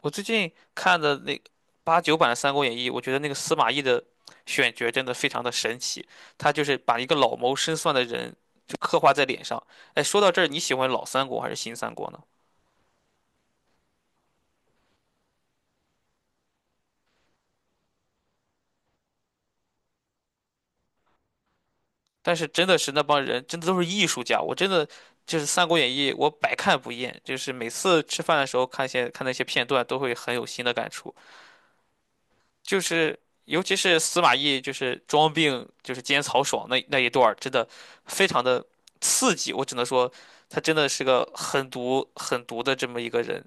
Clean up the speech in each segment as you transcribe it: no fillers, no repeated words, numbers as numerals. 我最近看的那八九版的《三国演义》，我觉得那个司马懿的选角真的非常的神奇，他就是把一个老谋深算的人就刻画在脸上。哎，说到这儿，你喜欢老三国还是新三国呢？但是真的是那帮人真的都是艺术家，我真的就是《三国演义》，我百看不厌，就是每次吃饭的时候看些看那些片段，都会很有新的感触。就是尤其是司马懿就是装病就是奸曹爽那一段儿，真的非常的刺激。我只能说，他真的是个狠毒狠毒的这么一个人。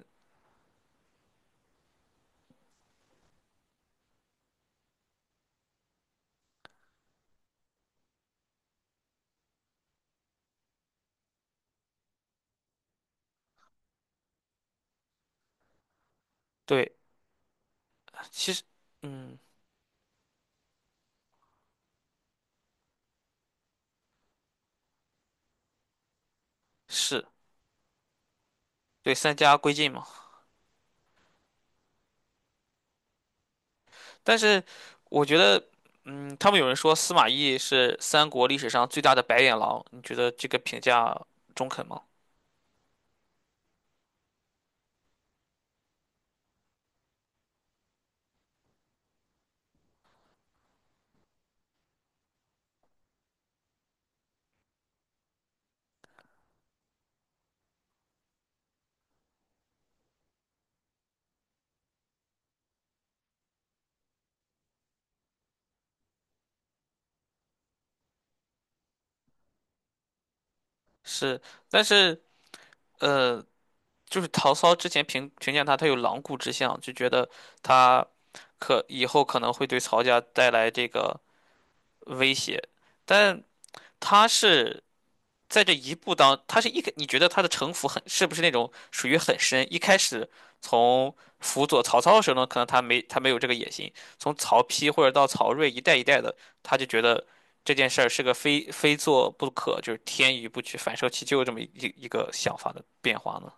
对，其实嗯是对三家归晋嘛。但是我觉得他们有人说司马懿是三国历史上最大的白眼狼，你觉得这个评价中肯吗？是。但是呃，就是曹操之前评价他，他有狼顾之相，就觉得他可以后可能会对曹家带来这个威胁。但他是在这一步当，他是一个你觉得他的城府很，是不是那种属于很深？一开始从辅佐曹操的时候呢，可能他没有这个野心，从曹丕或者到曹睿一代一代的，他就觉得这件事儿是个非做不可，就是天与不取，反受其咎这么一个想法的变化呢？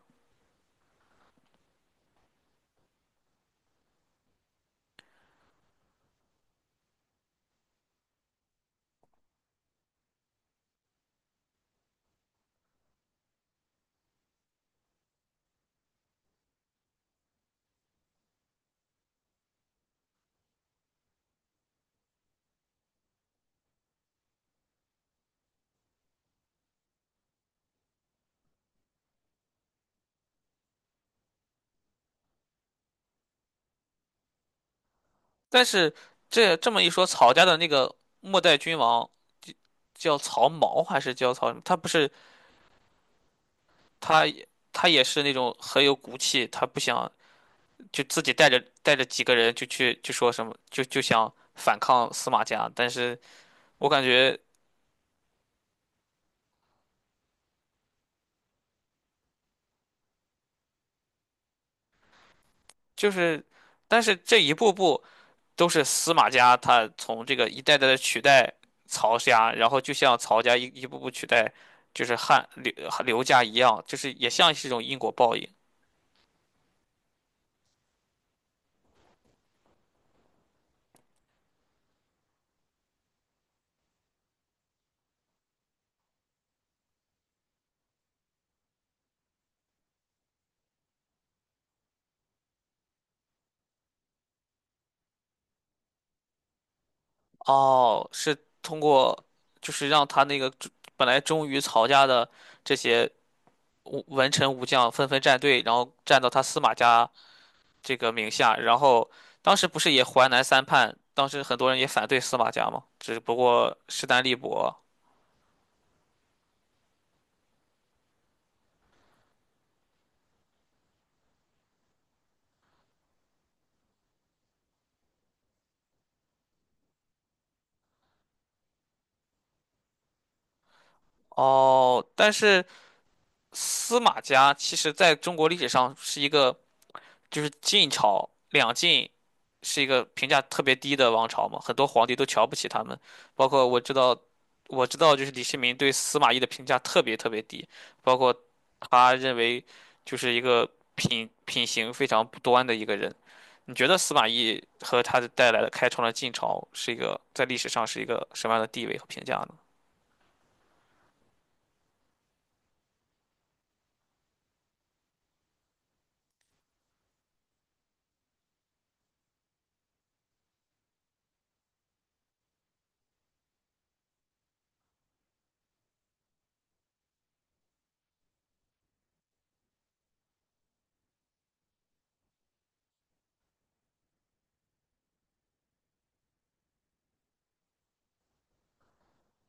但是这么一说，曹家的那个末代君王叫曹髦还是叫曹什么？他不是他也他也是那种很有骨气，他不想就自己带着几个人就去就说什么就想反抗司马家，但是我感觉就是。但是这一步步都是司马家他从这个一代代的取代曹家，然后就像曹家一步步取代就是汉刘家一样，就是也像是一种因果报应。哦，是通过就是让他那个本来忠于曹家的这些武文臣武将纷纷站队，然后站到他司马家这个名下。然后当时不是也淮南三叛，当时很多人也反对司马家嘛，只不过势单力薄。哦，但是司马家其实在中国历史上是一个，就是晋朝两晋是一个评价特别低的王朝嘛，很多皇帝都瞧不起他们。包括我知道，我知道就是李世民对司马懿的评价特别特别低，包括他认为就是一个品行非常不端的一个人。你觉得司马懿和他的带来的开创了晋朝是一个在历史上是一个什么样的地位和评价呢？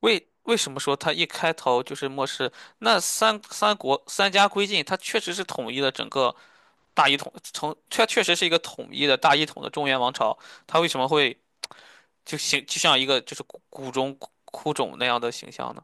为什么说他一开头就是漠视，那三国三家归晋，他确实是统一了整个大一统。确实是一个统一的大一统的中原王朝，它为什么会就形就像一个就是谷中枯冢那样的形象呢？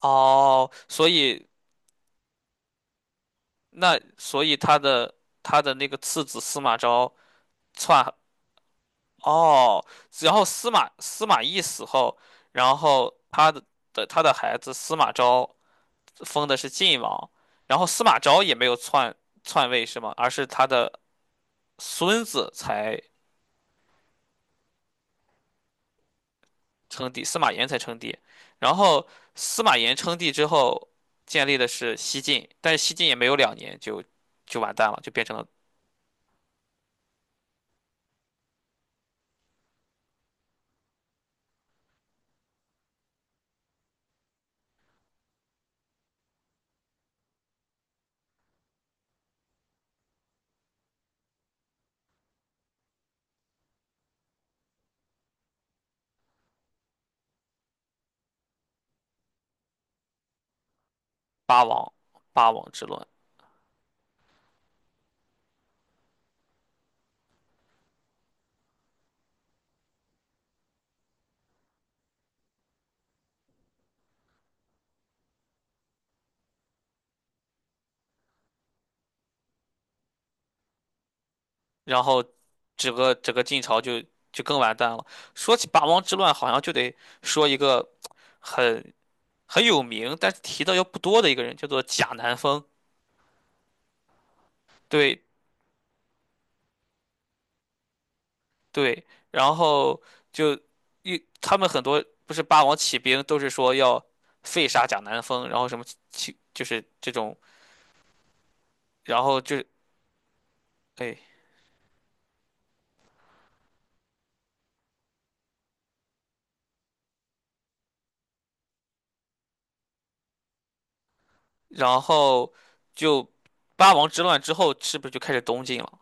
哦，所以他的那个次子司马昭篡，哦，然后司马懿死后，然后他的，的他的孩子司马昭封的是晋王。然后司马昭也没有篡位是吗？而是他的孙子才称帝，司马炎才称帝。然后司马炎称帝之后，建立的是西晋，但是西晋也没有两年就完蛋了，就变成了八王八王之乱。然后整个晋朝就更完蛋了。说起八王之乱，好像就得说一个很很有名，但是提到又不多的一个人，叫做贾南风。对，对。然后就他们很多不是八王起兵都是说要废杀贾南风，然后什么起就是这种。然后就是哎，然后就八王之乱之后是不是就开始东晋了？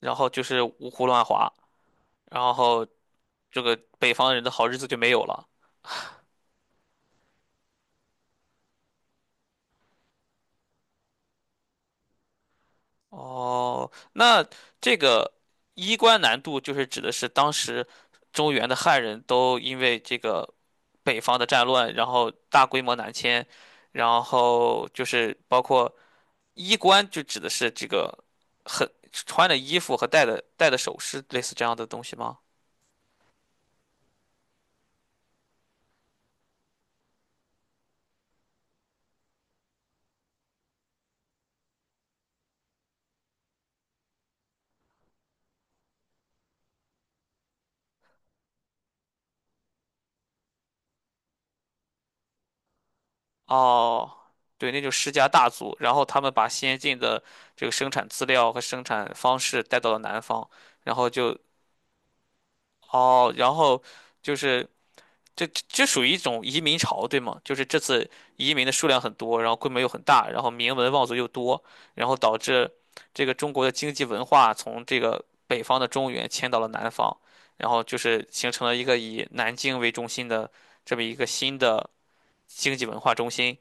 然后就是五胡乱华，然后这个北方人的好日子就没有了。哦，那这个衣冠南渡就是指的是当时中原的汉人都因为这个北方的战乱，然后大规模南迁，然后就是包括衣冠，就指的是这个很穿的衣服和戴的首饰，类似这样的东西吗？哦，对，那就世家大族，然后他们把先进的这个生产资料和生产方式带到了南方。然后哦，然后就是这属于一种移民潮，对吗？就是这次移民的数量很多，然后规模又很大，然后名门望族又多，然后导致这个中国的经济文化从这个北方的中原迁到了南方，然后就是形成了一个以南京为中心的这么一个新的经济文化中心，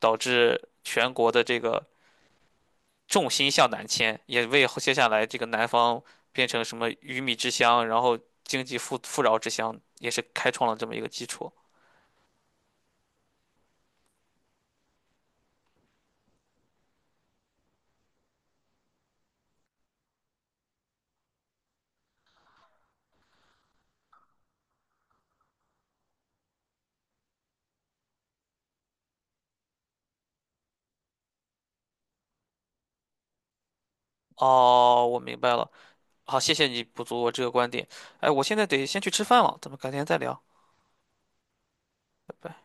导致全国的这个重心向南迁，也为接下来这个南方变成什么鱼米之乡，然后经济富饶之乡，也是开创了这么一个基础。哦，我明白了。好，谢谢你补足我这个观点。哎，我现在得先去吃饭了，咱们改天再聊。拜拜。